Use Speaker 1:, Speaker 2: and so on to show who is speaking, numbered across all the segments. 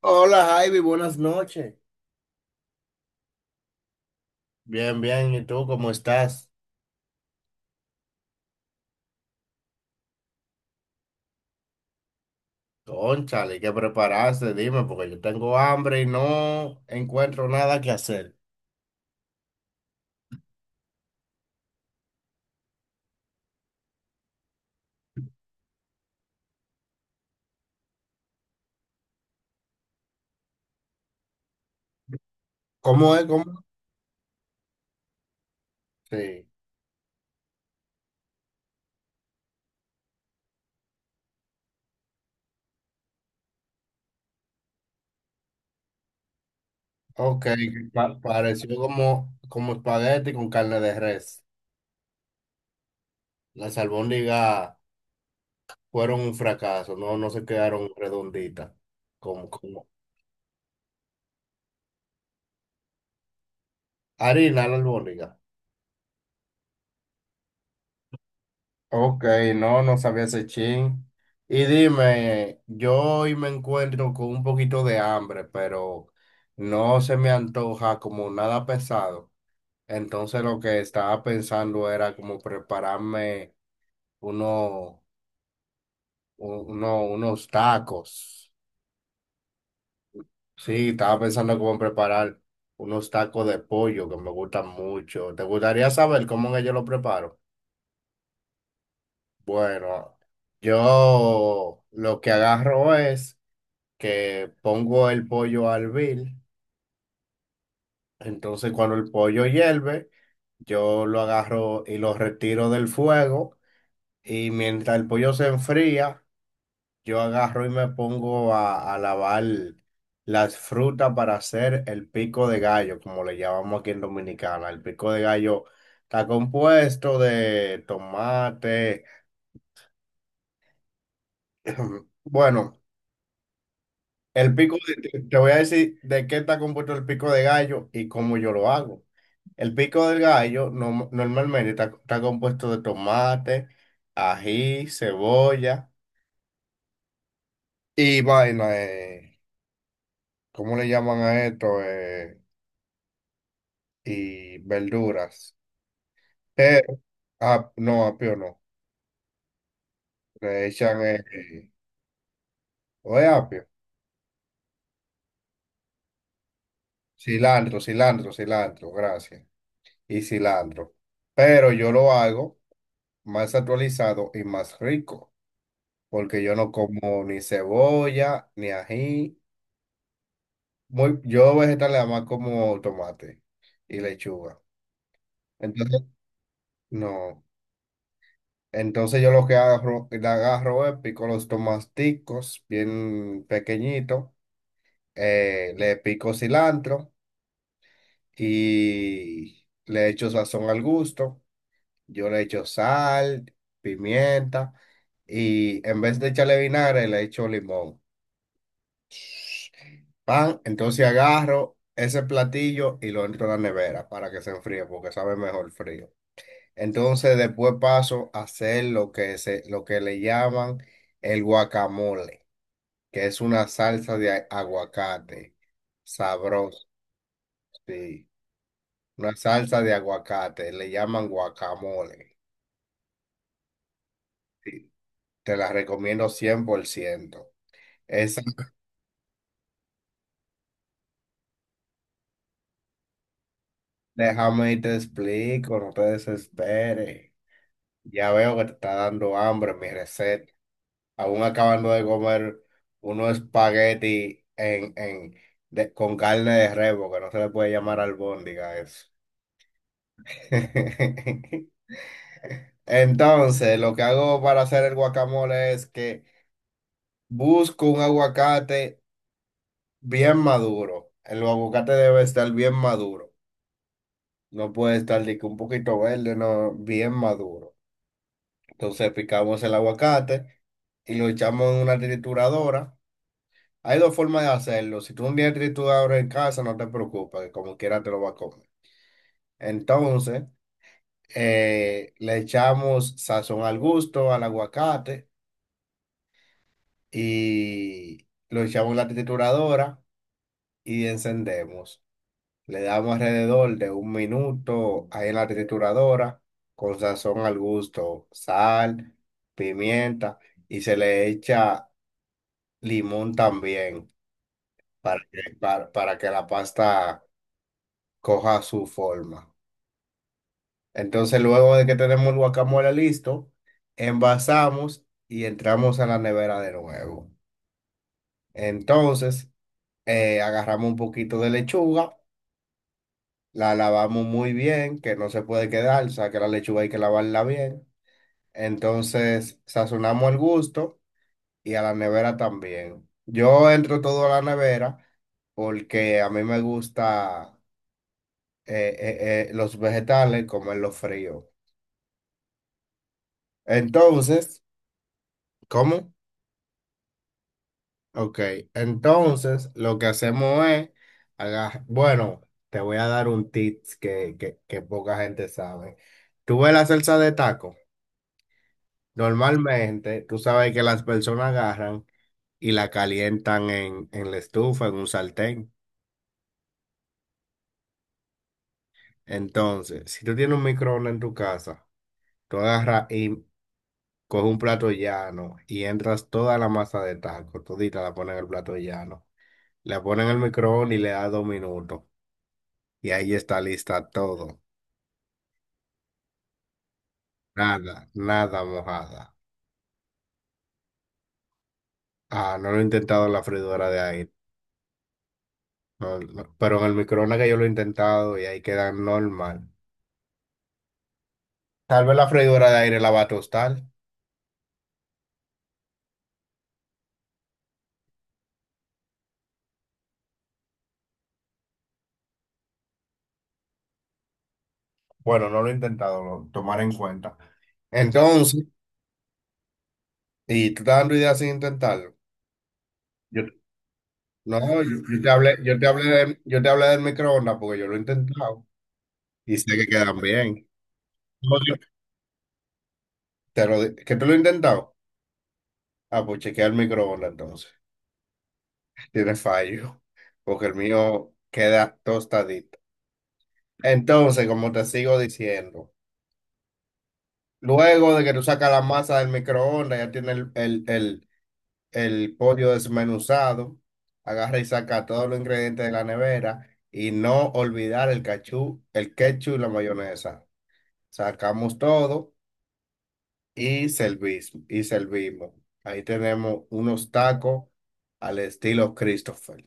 Speaker 1: Hola Javi, buenas noches. Bien, bien, ¿y tú cómo estás? Cónchale, ¿qué preparaste? Dime, porque yo tengo hambre y no encuentro nada que hacer. ¿Cómo es? ¿Cómo? Sí, ok, pareció como, como espagueti con carne de res. Las albóndigas fueron un fracaso, no, no se quedaron redonditas, como, como harina la albóndiga. Ok, no, no sabía ese chin. Y dime, yo hoy me encuentro con un poquito de hambre, pero no se me antoja como nada pesado. Entonces lo que estaba pensando era como prepararme uno, unos tacos. Sí, estaba pensando como preparar unos tacos de pollo que me gustan mucho. ¿Te gustaría saber cómo es que yo lo preparo? Bueno, yo lo que agarro es... que pongo el pollo al vil. Entonces, cuando el pollo hierve, yo lo agarro y lo retiro del fuego. Y mientras el pollo se enfría, yo agarro y me pongo a lavar las frutas para hacer el pico de gallo, como le llamamos aquí en Dominicana. El pico de gallo está compuesto de tomate. Bueno, te voy a decir de qué está compuesto el pico de gallo y cómo yo lo hago. El pico del gallo normalmente está compuesto de tomate, ají, cebolla y vaina, ¿cómo le llaman a esto? Y verduras. Pero, ah, no, apio no. Le echan, ¿o es apio? Cilantro, cilantro, cilantro, gracias. Y cilantro. Pero yo lo hago más actualizado y más rico, porque yo no como ni cebolla, ni ají. Muy, yo vegetal le más como tomate y lechuga. Entonces, no. Entonces yo lo que agarro, le agarro es pico los tomaticos bien pequeñitos, le pico cilantro y le echo sazón al gusto. Yo le echo sal, pimienta y en vez de echarle vinagre le echo limón. Pan, entonces agarro ese platillo y lo entro a la nevera para que se enfríe porque sabe mejor frío. Entonces después paso a hacer lo que le llaman el guacamole, que es una salsa de aguacate, sabroso, sí. Una salsa de aguacate, le llaman guacamole. Sí. Te la recomiendo cien por ciento. Esa, déjame y te explico, no te desesperes. Ya veo que te está dando hambre mi receta. Aún acabando de comer unos espagueti con carne de rebo, que no se le puede llamar albóndiga a eso. Entonces, lo que hago para hacer el guacamole es que busco un aguacate bien maduro. El aguacate debe estar bien maduro. No puede estar de que un poquito verde, no, bien maduro. Entonces picamos el aguacate y lo echamos en una trituradora. Hay dos formas de hacerlo. Si tú un día tú en casa, no te preocupes, que como quiera te lo va a comer. Entonces, le echamos sazón al gusto, al aguacate, y lo echamos en la trituradora y encendemos. Le damos alrededor de un minuto ahí en la trituradora, con sazón al gusto, sal, pimienta, y se le echa limón también para que, para que la pasta coja su forma. Entonces, luego de que tenemos el guacamole listo, envasamos y entramos a la nevera de nuevo. Entonces, agarramos un poquito de lechuga, la lavamos muy bien, que no se puede quedar, o sea que la lechuga hay que lavarla bien. Entonces, sazonamos al gusto y a la nevera también. Yo entro todo a la nevera porque a mí me gusta los vegetales comerlos fríos. Entonces, ¿cómo? Ok, entonces lo que hacemos es, bueno, te voy a dar un tips que poca gente sabe. Tú ves la salsa de taco, normalmente tú sabes que las personas agarran y la calientan en la estufa, en un sartén. Entonces, si tú tienes un microondas en tu casa, tú agarras y coges un plato llano y entras toda la masa de taco, todita la pones en el plato llano, la pones en el microondas y le das dos minutos. Y ahí está lista todo. Nada, nada mojada. Ah, no lo he intentado en la freidora de aire. No, no, pero en el microondas que yo lo he intentado y ahí queda normal. Tal vez la freidora de aire la va a tostar. Bueno, no lo he intentado, lo tomaré en cuenta. Entonces, ¿y tú estás dando ideas sin intentarlo? Yo, no, yo te hablé, yo te hablé del microondas porque yo lo he intentado y sé que quedan bien. No, ¿que tú lo has intentado? Ah, pues chequea el microondas entonces. Tiene fallo, porque el mío queda tostadito. Entonces, como te sigo diciendo, luego de que tú sacas la masa del microondas, ya tienes el pollo desmenuzado, agarra y saca todos los ingredientes de la nevera y no olvidar el cachú, el ketchup y la mayonesa. Sacamos todo y y servimos. Ahí tenemos unos tacos al estilo Christopher.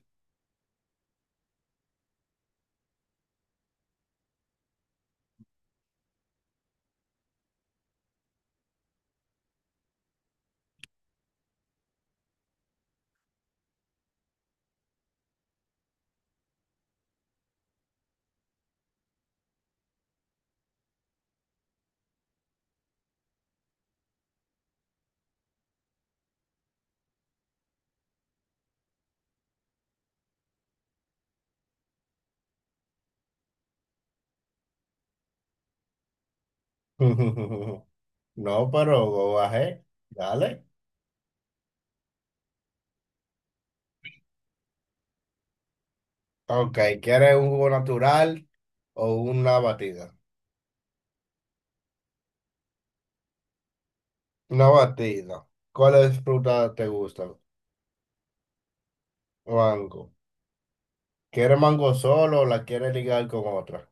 Speaker 1: No, pero go ahead, dale. Ok, ¿quieres un jugo natural o una batida? Una batida. ¿Cuáles frutas te gustan? Mango. ¿Quieres mango solo o la quieres ligar con otra?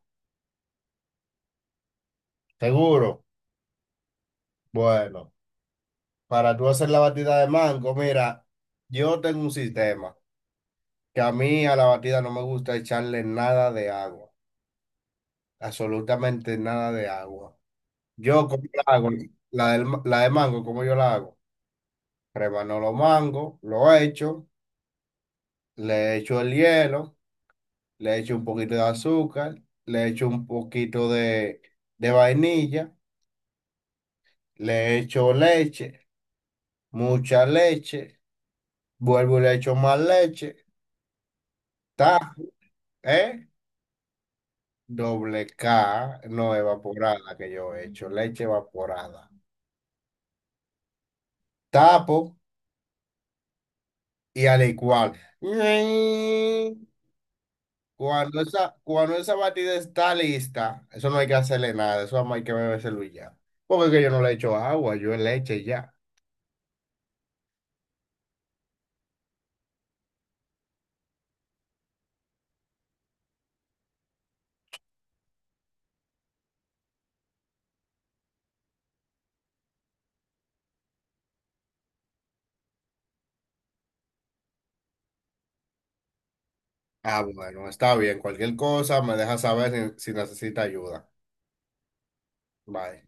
Speaker 1: ¿Seguro? Bueno, para tú hacer la batida de mango, mira, yo tengo un sistema que a mí a la batida no me gusta echarle nada de agua, absolutamente nada de agua. Yo, ¿cómo la hago? La de mango, ¿cómo yo la hago? Remano los mangos, lo echo, le echo el hielo. Le echo un poquito de azúcar, le echo un poquito de vainilla, le echo leche, mucha leche, vuelvo y le echo más leche, ta, ¿eh? Doble K, no evaporada que yo he hecho, leche evaporada. Tapo y al igual. Cuando esa batida está lista, eso no hay que hacerle nada, eso nada más hay que bebérselo y ya. Porque es que yo no le echo agua, yo leche y ya. Ah, bueno, está bien. Cualquier cosa me deja saber si necesita ayuda. Bye.